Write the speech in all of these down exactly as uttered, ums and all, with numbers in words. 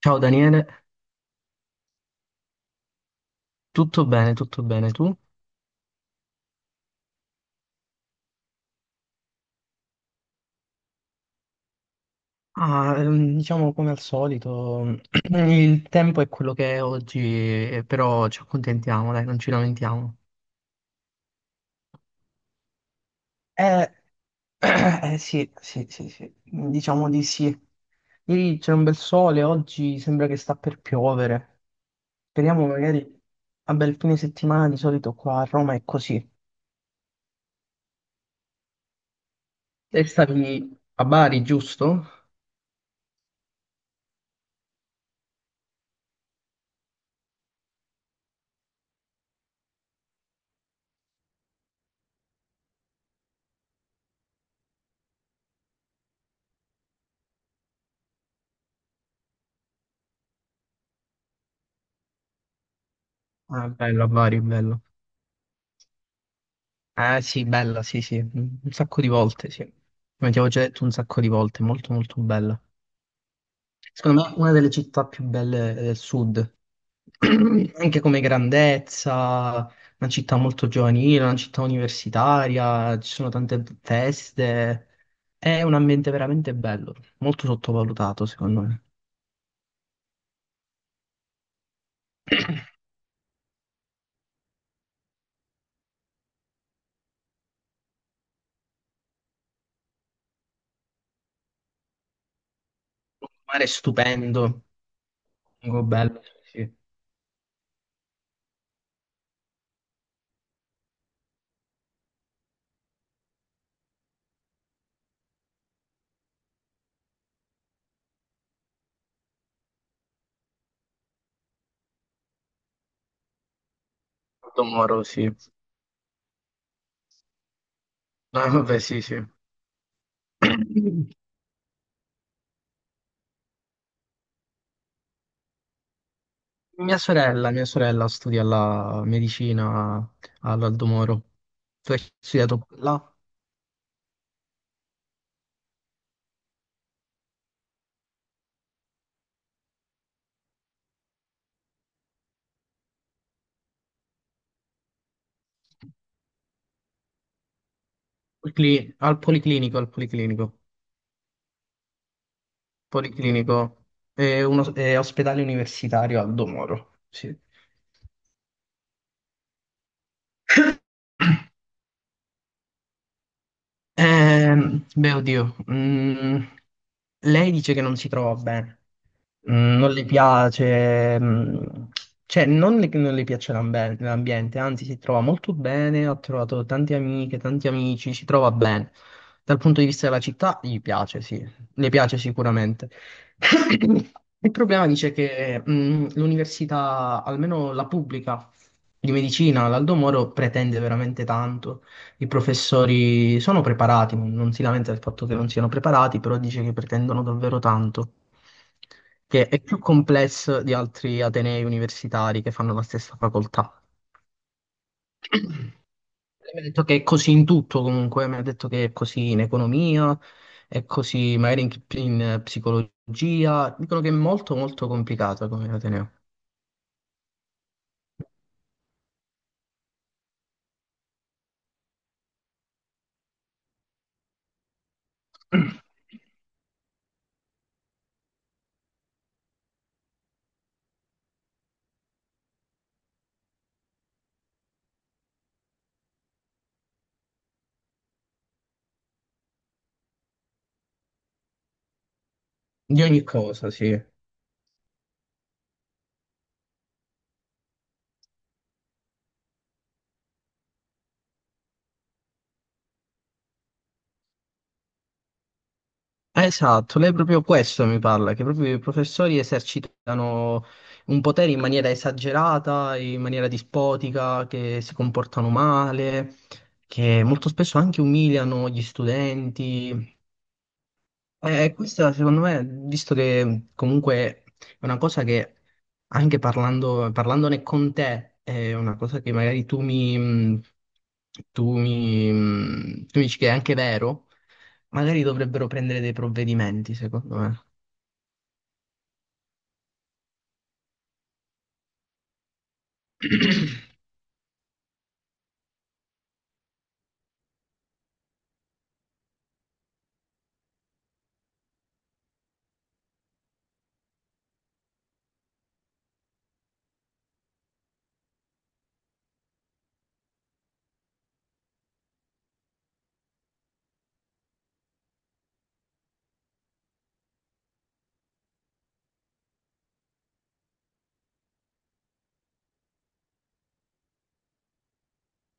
Ciao Daniele, tutto bene, tutto bene, tu? Ah, ehm, diciamo come al solito, il tempo è quello che è oggi, eh, però ci accontentiamo, dai, non ci lamentiamo. Eh, eh, eh, sì, sì, sì, sì, diciamo di sì. Ieri c'è un bel sole, oggi sembra che sta per piovere. Speriamo magari a bel fine settimana, di solito qua a Roma è così. E stavi a Bari, giusto? Ah, bello, a Bari, bello. Ah sì, bella, sì, sì, un sacco di volte, sì. Come ti avevo già detto un sacco di volte, molto molto bella. Secondo me una delle città più belle del sud, anche come grandezza, una città molto giovanile, una città universitaria, ci sono tante feste, è un ambiente veramente bello, molto sottovalutato secondo me. Il mare è stupendo, molto bello, sì. Sì. Molto moro, sì. Ah, vabbè, sì, sì. Mia sorella, mia sorella studia la medicina all'Aldo Moro. Tu hai studiato là? Policli- Al Policlinico, al Policlinico. Policlinico è, uno- è ospedale universitario Aldo Moro. Sì. Ehm, beh, oddio. Mm, lei dice che non si trova bene. Mm, non gli piace, mm, cioè non le- che non le piace l'ambe- l'ambiente, anzi si trova molto bene, ha trovato tante amiche, tanti amici, si trova bene. Dal punto di vista della città gli piace, sì, le piace sicuramente. Il problema dice che mm, l'università, almeno la pubblica di medicina, l'Aldo Moro, pretende veramente tanto. I professori sono preparati, non non si lamenta del fatto che non siano preparati, però dice che pretendono davvero tanto, che è più complesso di altri atenei universitari che fanno la stessa facoltà. Lei mi ha detto che è così in tutto comunque, mi ha detto che è così in economia, è così magari in, in, eh, psicologia, dicono che è molto molto complicata come ateneo. Di ogni cosa, sì. Eh, esatto, lei proprio questo mi parla, che proprio i professori esercitano un potere in maniera esagerata, in maniera dispotica, che si comportano male, che molto spesso anche umiliano gli studenti. E questa, secondo me, visto che comunque è una cosa che, anche parlando, parlandone con te, è una cosa che magari tu mi, tu mi, tu mi dici che è anche vero, magari dovrebbero prendere dei provvedimenti, secondo me.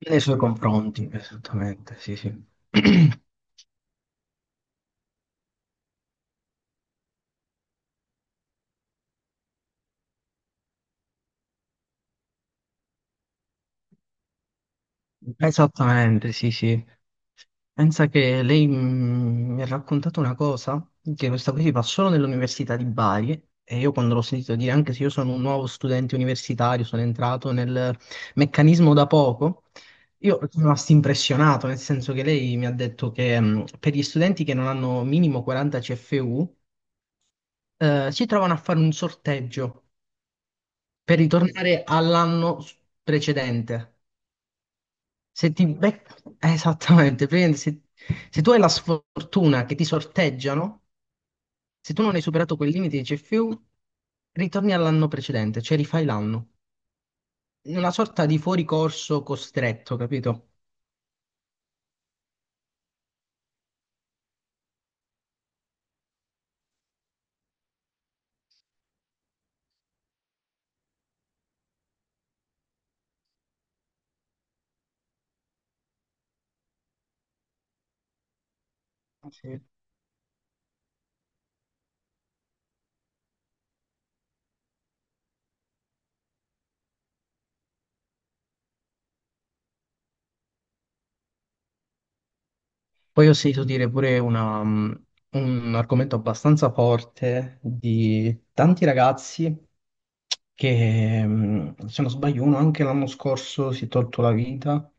Nei suoi confronti, esattamente, sì, sì. Esattamente, sì, sì. Pensa che lei mm, mi ha raccontato una cosa, che questa qui si fa solo nell'università di Bari, e io quando l'ho sentito dire, anche se io sono un nuovo studente universitario, sono entrato nel meccanismo da poco, io sono rimasto impressionato, nel senso che lei mi ha detto che mm, per gli studenti che non hanno minimo quaranta C F U, eh, si trovano a fare un sorteggio per ritornare all'anno s- precedente. Se ti becca... eh, Esattamente, praticamente se, se tu hai la sfortuna che ti sorteggiano, se tu non hai superato quel limite di C F U, ritorni all'anno precedente, cioè rifai l'anno. In una sorta di fuoricorso costretto, capito? Sì. Poi ho sentito dire pure una, mh, un argomento abbastanza forte di tanti ragazzi che, mh, se non sbaglio, uno anche l'anno scorso si è tolto la vita,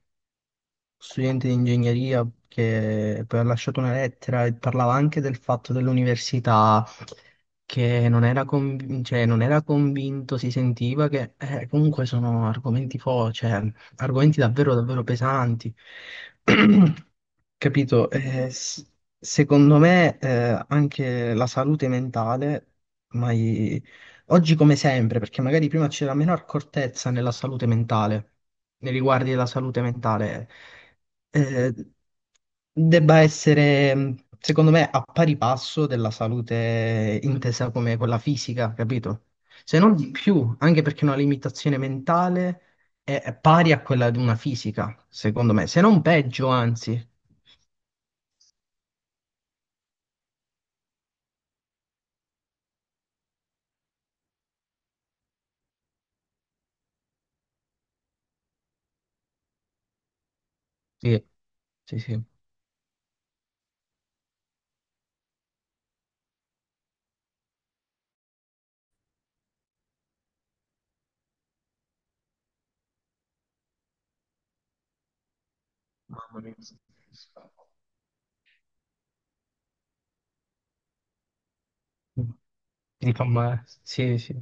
studente di ingegneria, che poi ha lasciato una lettera e parlava anche del fatto dell'università, che non era, conv- cioè, non era convinto, si sentiva che eh, comunque sono argomenti fo- cioè, argomenti davvero davvero pesanti. Capito? Eh, s- secondo me eh, anche la salute mentale, ma oggi come sempre, perché magari prima c'era meno accortezza nella salute mentale, nei riguardi della salute mentale, eh, debba essere, mh, secondo me, a pari passo della salute intesa come quella fisica, capito? Se non di più, anche perché una limitazione mentale è è pari a quella di una fisica, secondo me, se non peggio, anzi. Sì, sì, sì. Ti fa male. Sì, sì.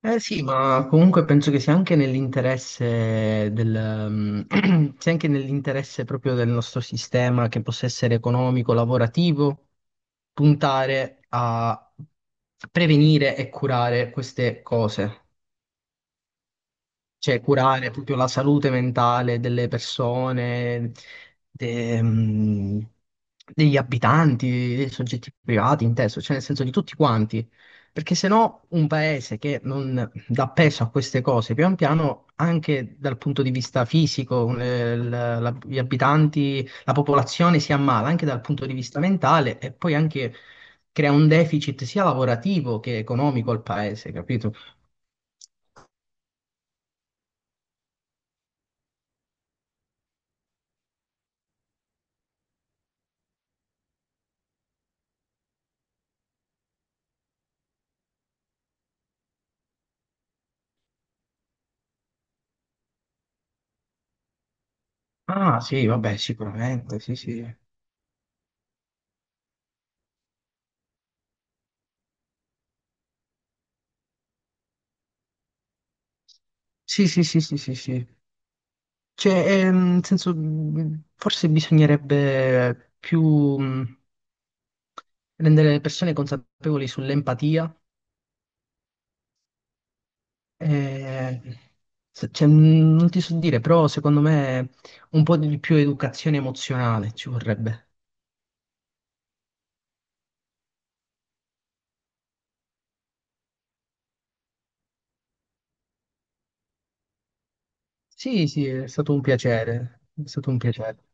Eh sì, ma comunque penso che sia anche nell'interesse del, sia anche nell'interesse proprio del nostro sistema, che possa essere economico, lavorativo, puntare a prevenire e curare queste cose, cioè curare proprio la salute mentale delle persone, de- mh, degli abitanti, dei soggetti privati, inteso, cioè nel senso di tutti quanti. Perché se no un paese che non dà peso a queste cose, pian piano, anche dal punto di vista fisico, eh, la- la- gli abitanti, la popolazione si ammala, anche dal punto di vista mentale, e poi anche crea un deficit sia lavorativo che economico al paese, capito? Ah, sì, vabbè, sicuramente, sì, sì. Sì, sì, sì, sì, sì, sì. Cioè, eh, nel senso, mh, forse bisognerebbe più mh, rendere le persone consapevoli sull'empatia. eh, se- cioè, mh, Non ti so dire, però secondo me un po' di più educazione emozionale ci vorrebbe. Sì, sì, è stato un piacere, è stato un piacere.